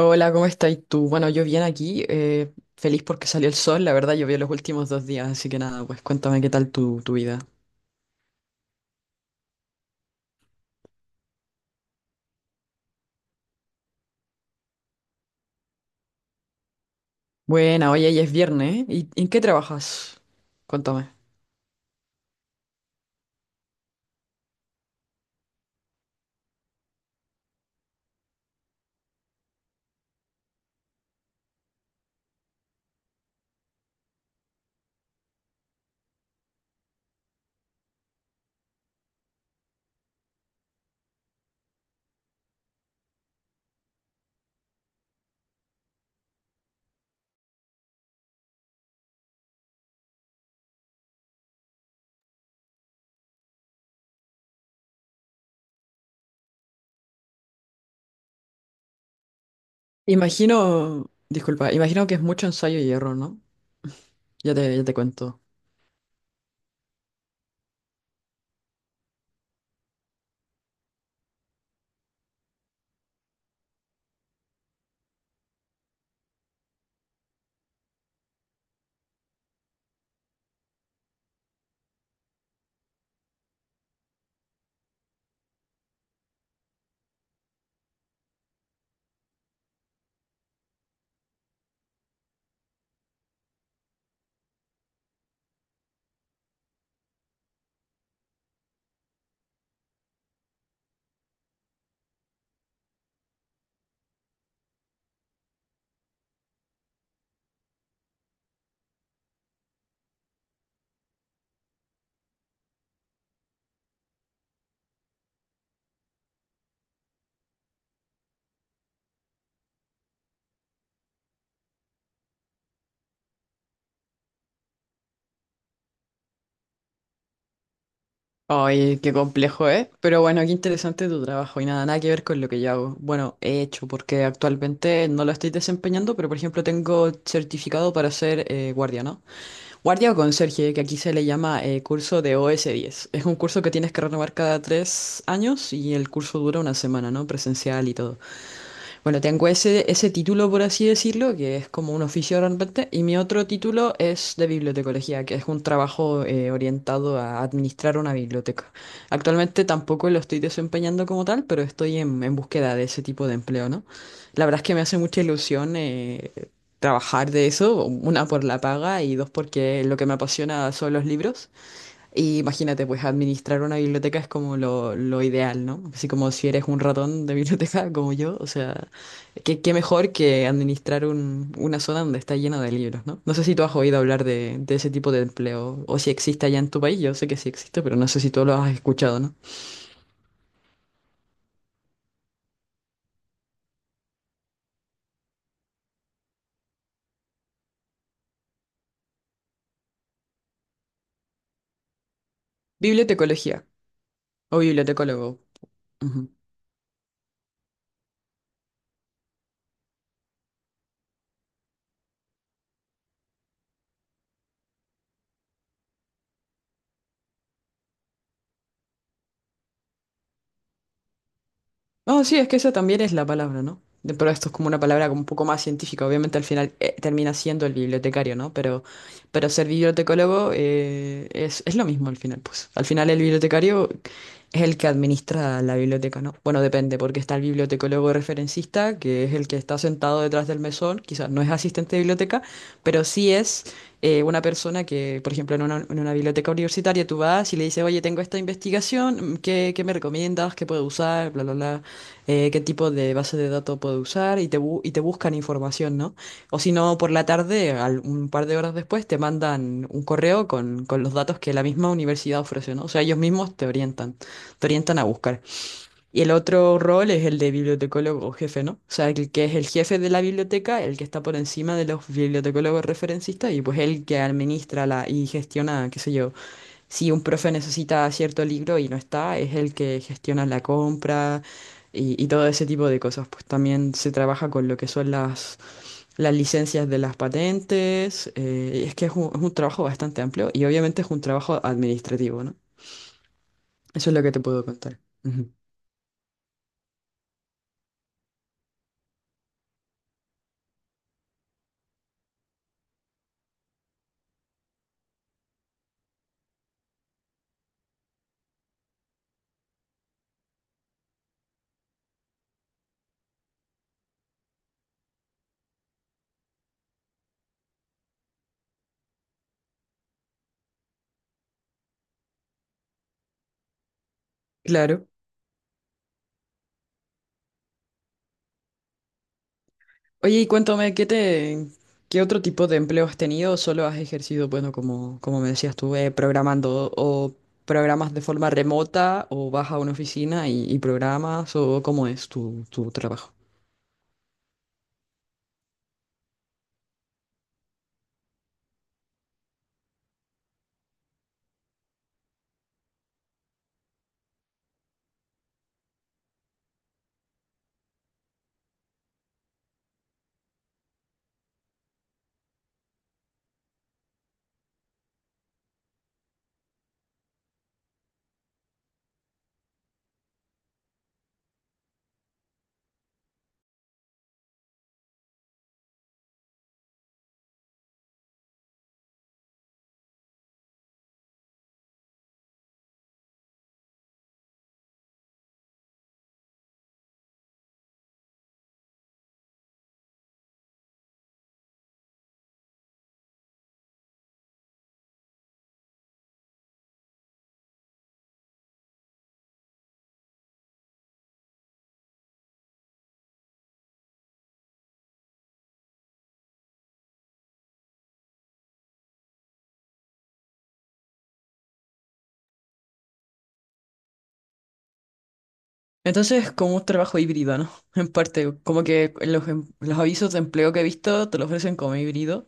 Hola, ¿cómo estás tú? Bueno, yo bien aquí, feliz porque salió el sol, la verdad llovió los últimos 2 días, así que nada, pues cuéntame qué tal tu vida. Buena, oye, ya es viernes, ¿eh? ¿Y en qué trabajas? Cuéntame. Imagino, disculpa, imagino que es mucho ensayo y error, ¿no? Ya te cuento. Ay, qué complejo, ¿eh? Pero bueno, qué interesante tu trabajo y nada, nada que ver con lo que yo hago. Bueno, he hecho, porque actualmente no lo estoy desempeñando, pero por ejemplo tengo certificado para ser guardia, ¿no? Guardia o conserje, que aquí se le llama curso de OS10. Es un curso que tienes que renovar cada 3 años y el curso dura una semana, ¿no? Presencial y todo. Bueno, tengo ese título, por así decirlo, que es como un oficio realmente, y mi otro título es de bibliotecología, que es un trabajo orientado a administrar una biblioteca. Actualmente tampoco lo estoy desempeñando como tal, pero estoy en búsqueda de ese tipo de empleo, ¿no? La verdad es que me hace mucha ilusión trabajar de eso, una por la paga y dos porque lo que me apasiona son los libros. Y imagínate, pues administrar una biblioteca es como lo ideal, ¿no? Así como si eres un ratón de biblioteca como yo, o sea, qué mejor que administrar una zona donde está llena de libros, ¿no? No sé si tú has oído hablar de ese tipo de empleo o si existe allá en tu país, yo sé que sí existe, pero no sé si tú lo has escuchado, ¿no? Bibliotecología o bibliotecólogo. Oh, sí, es que esa también es la palabra, ¿no? Pero esto es como una palabra como un poco más científica. Obviamente al final termina siendo el bibliotecario, ¿no? Pero ser bibliotecólogo es lo mismo al final, pues. Al final el bibliotecario es el que administra la biblioteca, ¿no? Bueno, depende, porque está el bibliotecólogo referencista, que es el que está sentado detrás del mesón, quizás no es asistente de biblioteca, pero sí es una persona que, por ejemplo, en en una biblioteca universitaria tú vas y le dices, oye, tengo esta investigación, ¿qué me recomiendas? ¿Qué puedo usar? Bla, bla, bla qué tipo de base de datos puedo usar y y te buscan información, ¿no? O si no, por la tarde, un par de horas después, te mandan un correo con los datos que la misma universidad ofrece, ¿no? O sea, ellos mismos te orientan, a buscar. Y el otro rol es el de bibliotecólogo jefe, ¿no? O sea, el que es el jefe de la biblioteca, el que está por encima de los bibliotecólogos referencistas y pues el que administra y gestiona, qué sé yo si un profe necesita cierto libro y no está, es el que gestiona la compra y todo ese tipo de cosas. Pues también se trabaja con lo que son las licencias de las patentes. Es que es un trabajo bastante amplio y obviamente es un trabajo administrativo, ¿no? Eso es lo que te puedo contar. Ujú. Claro. Oye, y cuéntame, qué otro tipo de empleo has tenido? ¿O solo has ejercido, bueno, como me decías tú, programando o programas de forma remota o vas a una oficina y programas o cómo es tu trabajo? Entonces, como un trabajo híbrido, ¿no? En parte, como que los avisos de empleo que he visto te lo ofrecen como híbrido.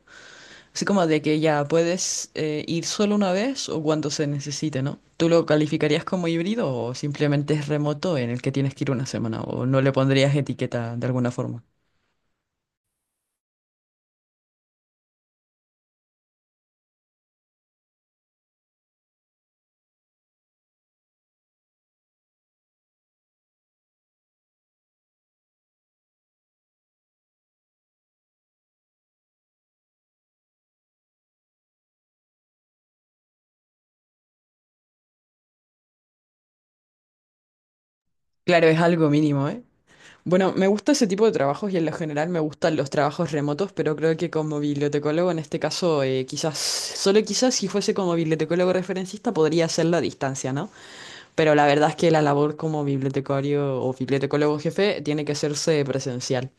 Así como de que ya puedes ir solo una vez o cuando se necesite, ¿no? ¿Tú lo calificarías como híbrido o simplemente es remoto en el que tienes que ir una semana o no le pondrías etiqueta de alguna forma? Claro, es algo mínimo, ¿eh? Bueno, me gusta ese tipo de trabajos y en lo general me gustan los trabajos remotos, pero creo que como bibliotecólogo en este caso, quizás, solo quizás si fuese como bibliotecólogo referencista podría hacerlo a distancia, ¿no? Pero la verdad es que la labor como bibliotecario o bibliotecólogo jefe tiene que hacerse presencial.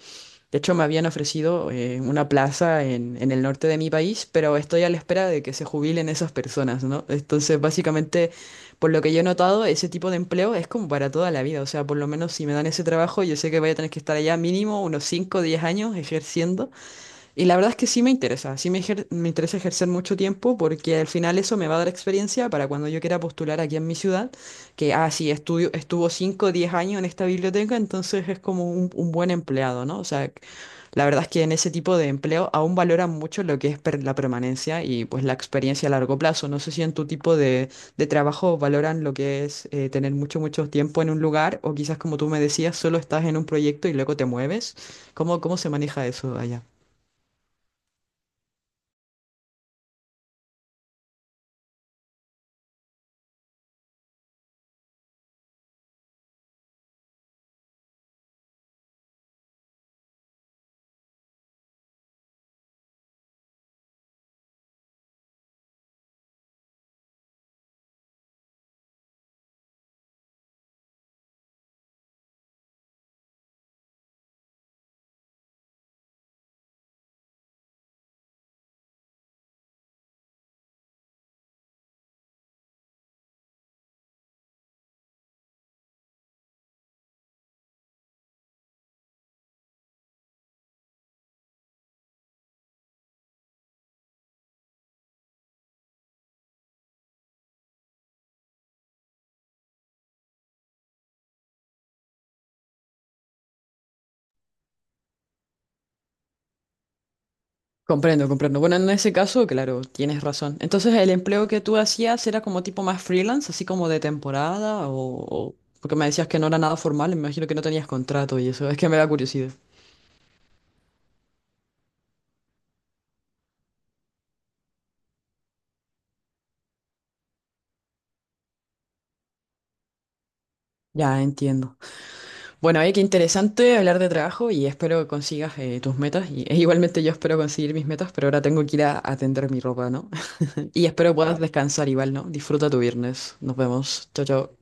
De hecho, me habían ofrecido una plaza en el norte de mi país, pero estoy a la espera de que se jubilen esas personas, ¿no? Entonces, básicamente, por lo que yo he notado, ese tipo de empleo es como para toda la vida. O sea, por lo menos si me dan ese trabajo, yo sé que voy a tener que estar allá mínimo unos cinco o 10 años ejerciendo. Y la verdad es que sí me interesa, sí me interesa ejercer mucho tiempo porque al final eso me va a dar experiencia para cuando yo quiera postular aquí en mi ciudad, que, ah, sí, estudio, estuvo cinco o 10 años en esta biblioteca, entonces es como un buen empleado, ¿no? O sea, la verdad es que en ese tipo de empleo aún valoran mucho lo que es la permanencia y pues la experiencia a largo plazo. No sé si en tu tipo de trabajo valoran lo que es tener mucho, mucho tiempo en un lugar o quizás como tú me decías, solo estás en un proyecto y luego te mueves. ¿Cómo se maneja eso allá? Comprendo, comprendo. Bueno, en ese caso, claro, tienes razón. Entonces, el empleo que tú hacías era como tipo más freelance, así como de temporada, o- porque me decías que no era nada formal, me imagino que no tenías contrato y eso, es que me da curiosidad. Ya entiendo. Bueno, oye, qué interesante hablar de trabajo y espero que consigas tus metas. E igualmente yo espero conseguir mis metas, pero ahora tengo que ir a atender mi ropa, ¿no? Y espero puedas descansar igual, ¿no? Disfruta tu viernes. Nos vemos. Chao, chao.